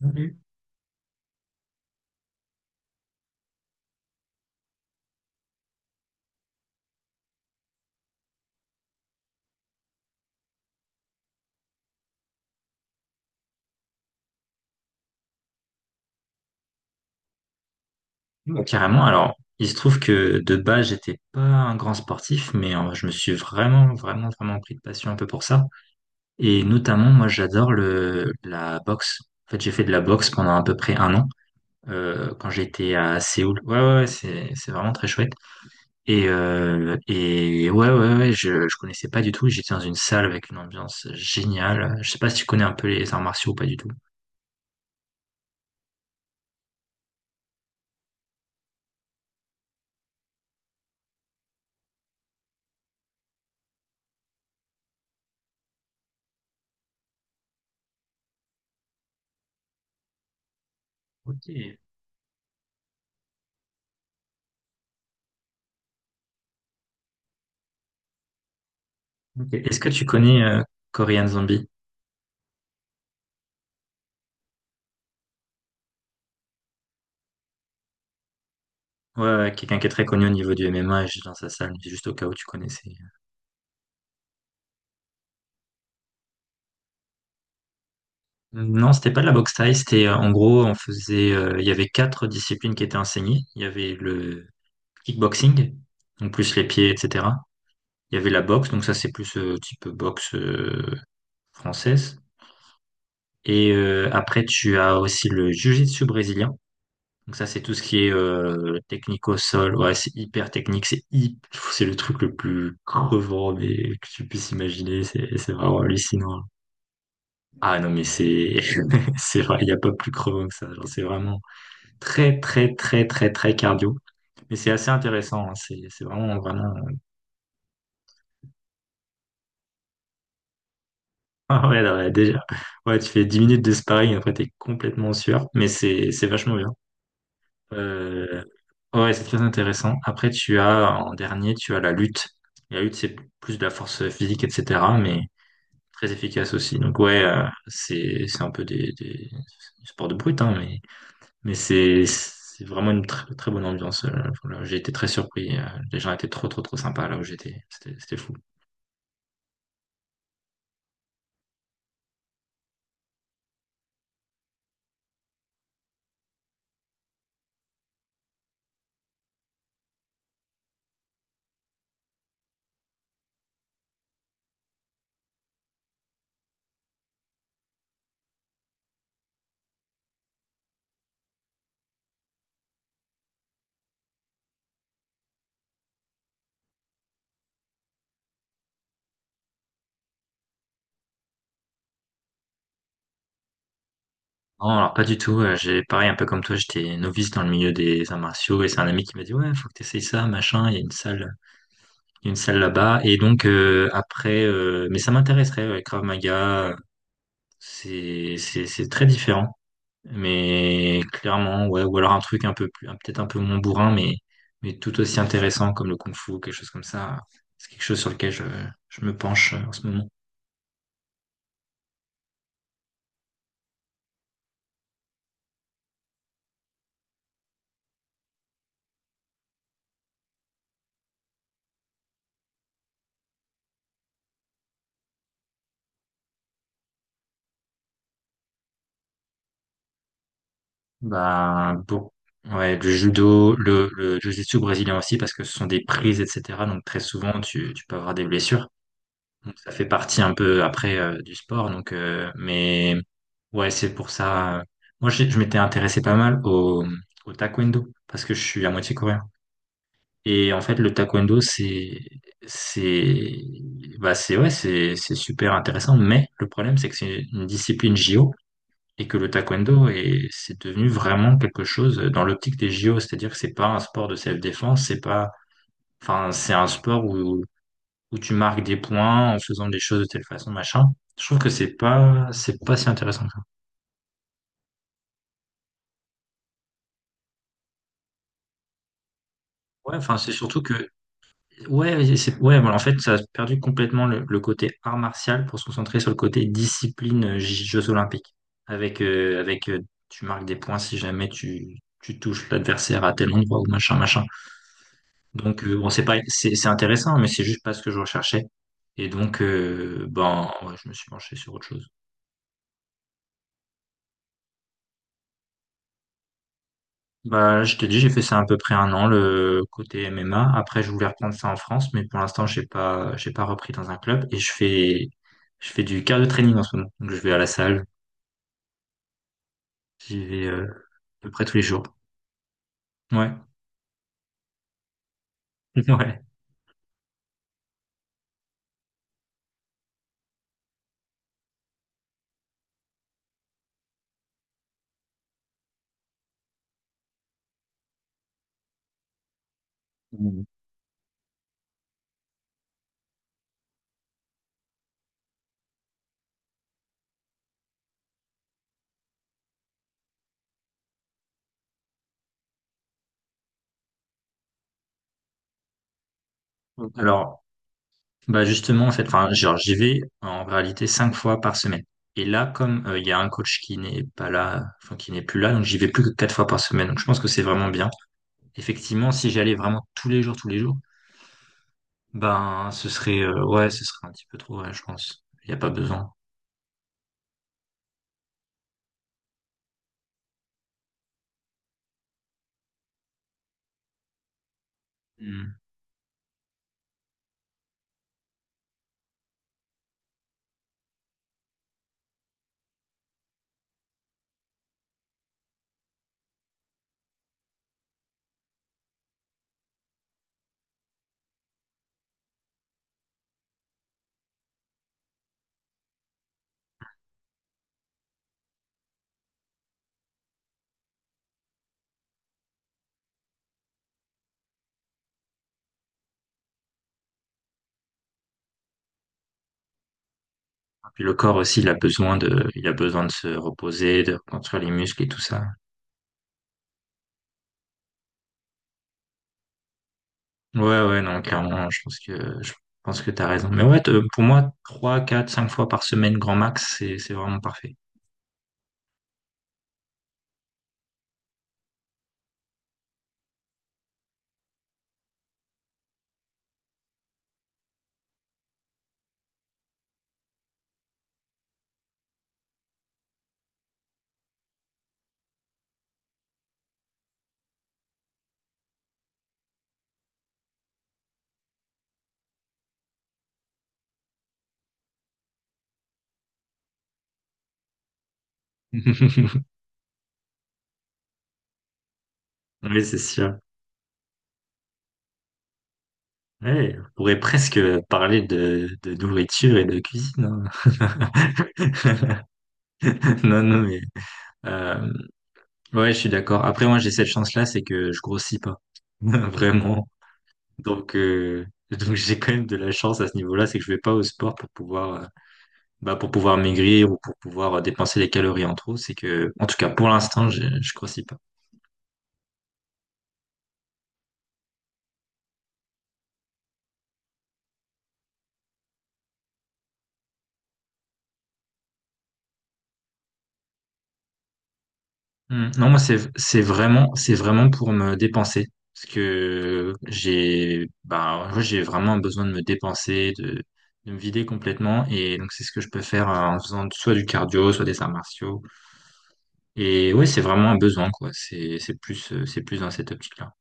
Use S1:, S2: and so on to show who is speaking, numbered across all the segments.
S1: Mhm. Ouais, carrément. Alors il se trouve que de base j'étais pas un grand sportif, mais je me suis vraiment, vraiment, vraiment pris de passion un peu pour ça. Et notamment, moi j'adore le la boxe. En fait, j'ai fait de la boxe pendant à peu près un an quand j'étais à Séoul. Ouais, ouais, ouais, c'est vraiment très chouette. Et ouais, ouais, ouais, je connaissais pas du tout. J'étais dans une salle avec une ambiance géniale. Je sais pas si tu connais un peu les arts martiaux ou pas du tout. Ok. Ok. Est-ce que tu connais Korean Zombie? Ouais, ouais, quelqu'un qui est très connu au niveau du MMA, et j'étais dans sa salle, mais juste au cas où tu connaissais. Non, c'était pas de la boxe thaï, c'était en gros, on faisait, il y avait quatre disciplines qui étaient enseignées. Il y avait le kickboxing, donc plus les pieds, etc. Il y avait la boxe, donc ça c'est plus type boxe française. Et après, tu as aussi le jiu-jitsu brésilien. Donc ça c'est tout ce qui est technique au sol. Ouais, c'est hyper technique, c'est le truc le plus crevant mais que tu puisses imaginer. C'est vraiment hallucinant. Ah non, mais c'est c'est vrai, il n'y a pas plus crevant que ça. Genre, c'est vraiment très, très, très, très, très cardio. Mais c'est assez intéressant, hein. C'est vraiment, vraiment. Ah ouais, non, ouais, déjà. Ouais, tu fais 10 minutes de sparring, après, t'es complètement sûr. Mais c'est vachement bien. Euh, Ouais, c'est très intéressant. Après, tu as, en dernier, tu as la lutte. La lutte, c'est plus de la force physique, etc., mais très efficace aussi. Donc ouais, c'est un peu des sports de brute, hein. Mais c'est vraiment une très, très bonne ambiance. Voilà. J'ai été très surpris. Les gens étaient trop, trop, trop sympas là où j'étais. C'était fou. Non, alors pas du tout. J'ai pareil, un peu comme toi, j'étais novice dans le milieu des arts martiaux et c'est un ami qui m'a dit ouais, faut que t'essayes ça, machin. Il y a une salle, il y a une salle là-bas. Et donc après, mais ça m'intéresserait. Ouais, Krav Maga, c'est très différent. Mais clairement, ouais, ou alors un truc un peu plus, peut-être un peu moins bourrin, mais tout aussi intéressant comme le kung-fu, quelque chose comme ça. C'est quelque chose sur lequel je me penche en ce moment. Bah, bon, ouais, le judo, le jiu-jitsu brésilien aussi, parce que ce sont des prises, etc. Donc très souvent, tu peux avoir des blessures. Donc ça fait partie un peu après du sport. Donc, mais ouais, c'est pour ça. Moi, je m'étais intéressé pas mal au taekwondo, parce que je suis à moitié coréen. Et en fait, le taekwondo, c'est, bah, ouais, c'est super intéressant. Mais le problème, c'est que c'est une discipline JO et que le taekwondo c'est devenu vraiment quelque chose dans l'optique des JO. C'est-à-dire que c'est pas un sport de self-défense, c'est pas, enfin, c'est un sport où tu marques des points en faisant des choses de telle façon, machin. Je trouve que c'est pas si intéressant que ça. Ouais, enfin, c'est surtout que, ouais, c'est, ouais, voilà, en fait, ça a perdu complètement le côté art martial pour se concentrer sur le côté discipline, Jeux Olympiques. Avec, tu marques des points si jamais tu touches l'adversaire à tel endroit ou machin, machin. Donc, bon, c'est pas, c'est intéressant, mais c'est juste pas ce que je recherchais. Et donc, ben, ouais, je me suis penché sur autre chose. Bah, je t'ai dit, j'ai fait ça à peu près un an, le côté MMA. Après, je voulais reprendre ça en France, mais pour l'instant, j'ai pas, repris dans un club. Et je fais du cardio training en ce moment. Donc, je vais à la salle. J'y vais, à peu près tous les jours. Ouais. Ouais. Mhm. Alors, bah, justement, en fait, enfin, genre, j'y vais en réalité cinq fois par semaine. Et là, comme il y a un coach qui n'est pas là, enfin, qui n'est plus là, donc j'y vais plus que quatre fois par semaine. Donc, je pense que c'est vraiment bien. Effectivement, si j'allais vraiment tous les jours, ben, ce serait, ouais, ce serait un petit peu trop, ouais, je pense. Il n'y a pas besoin. Mm. Puis le corps aussi, il a besoin de se reposer, de reconstruire les muscles et tout ça. Ouais, ouais, non, clairement, je pense que t'as raison. Mais ouais, pour moi, trois, quatre, cinq fois par semaine, grand max, c'est vraiment parfait. Oui, c'est sûr. Ouais, on pourrait presque parler de nourriture et de cuisine, hein. Non, non, mais euh, ouais, je suis d'accord. Après, moi, j'ai cette chance-là, c'est que je grossis pas. Vraiment. Donc, donc j'ai quand même de la chance à ce niveau-là, c'est que je vais pas au sport pour pouvoir, bah, pour pouvoir maigrir ou pour pouvoir dépenser les calories en trop. C'est que, en tout cas, pour l'instant, je grossis pas. Hmm. Non, moi, c'est vraiment pour me dépenser. Parce que j'ai, bah, moi, j'ai vraiment besoin de me dépenser, de me vider complètement. Et donc, c'est ce que je peux faire en faisant soit du cardio, soit des arts martiaux. Et ouais, c'est vraiment un besoin, quoi. C'est plus dans cette optique-là.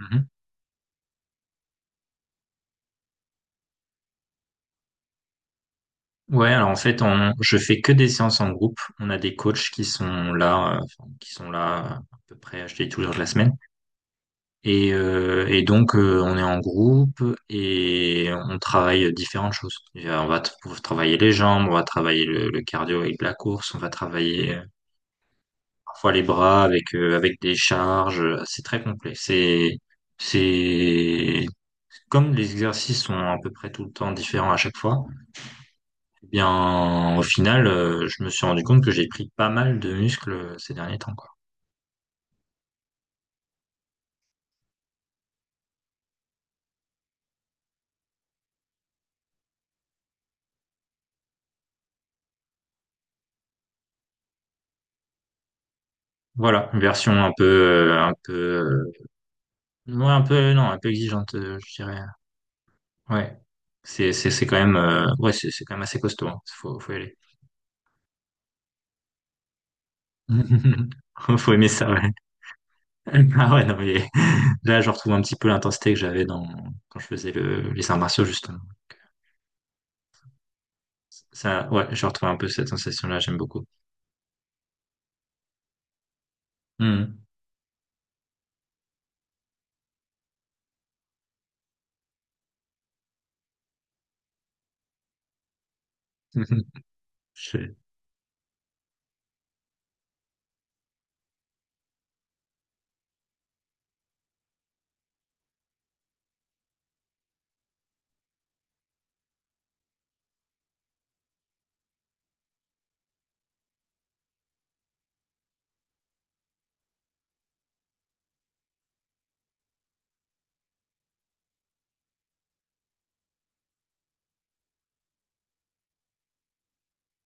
S1: Mhm. Ouais, alors en fait, je fais que des séances en groupe. On a des coachs qui sont là, enfin, qui sont là à peu près, à dis tous les jours de la semaine. Et donc, on est en groupe et on travaille différentes choses. Et, on travailler les jambes, on va travailler le cardio avec de la course, on va travailler parfois les bras avec avec des charges. C'est très complet. C'est comme les exercices sont à peu près tout le temps différents à chaque fois. Eh bien, au final, je me suis rendu compte que j'ai pris pas mal de muscles ces derniers temps, quoi. Voilà, une version un peu ouais, un peu non un peu exigeante, je dirais. Ouais, c'est quand même ouais c'est quand même assez costaud, hein. Faut y aller. Faut aimer ça. Ouais. Ah ouais, non, mais là, je retrouve un petit peu l'intensité que j'avais dans quand je faisais les arts martiaux, justement. Ça, ouais, je retrouve un peu cette sensation-là, j'aime beaucoup. Hmm. Je-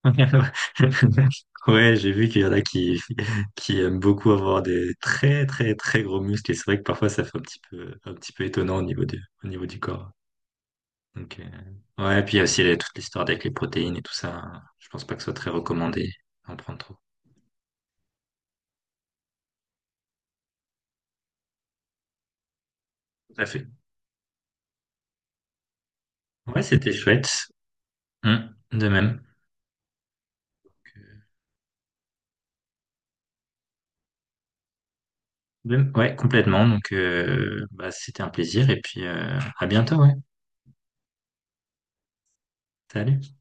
S1: Ouais, j'ai vu qu'il y en a qui aiment beaucoup avoir des très, très, très gros muscles. Et c'est vrai que parfois, ça fait un petit peu étonnant au niveau au niveau du corps. Donc, ouais, et puis il y a aussi toute l'histoire avec les protéines et tout ça. Je pense pas que ce soit très recommandé d'en prendre trop. Tout à fait. Ouais, c'était chouette. Hmm, de même. Ouais, complètement. Donc, bah, c'était un plaisir et puis à bientôt, ouais. Salut.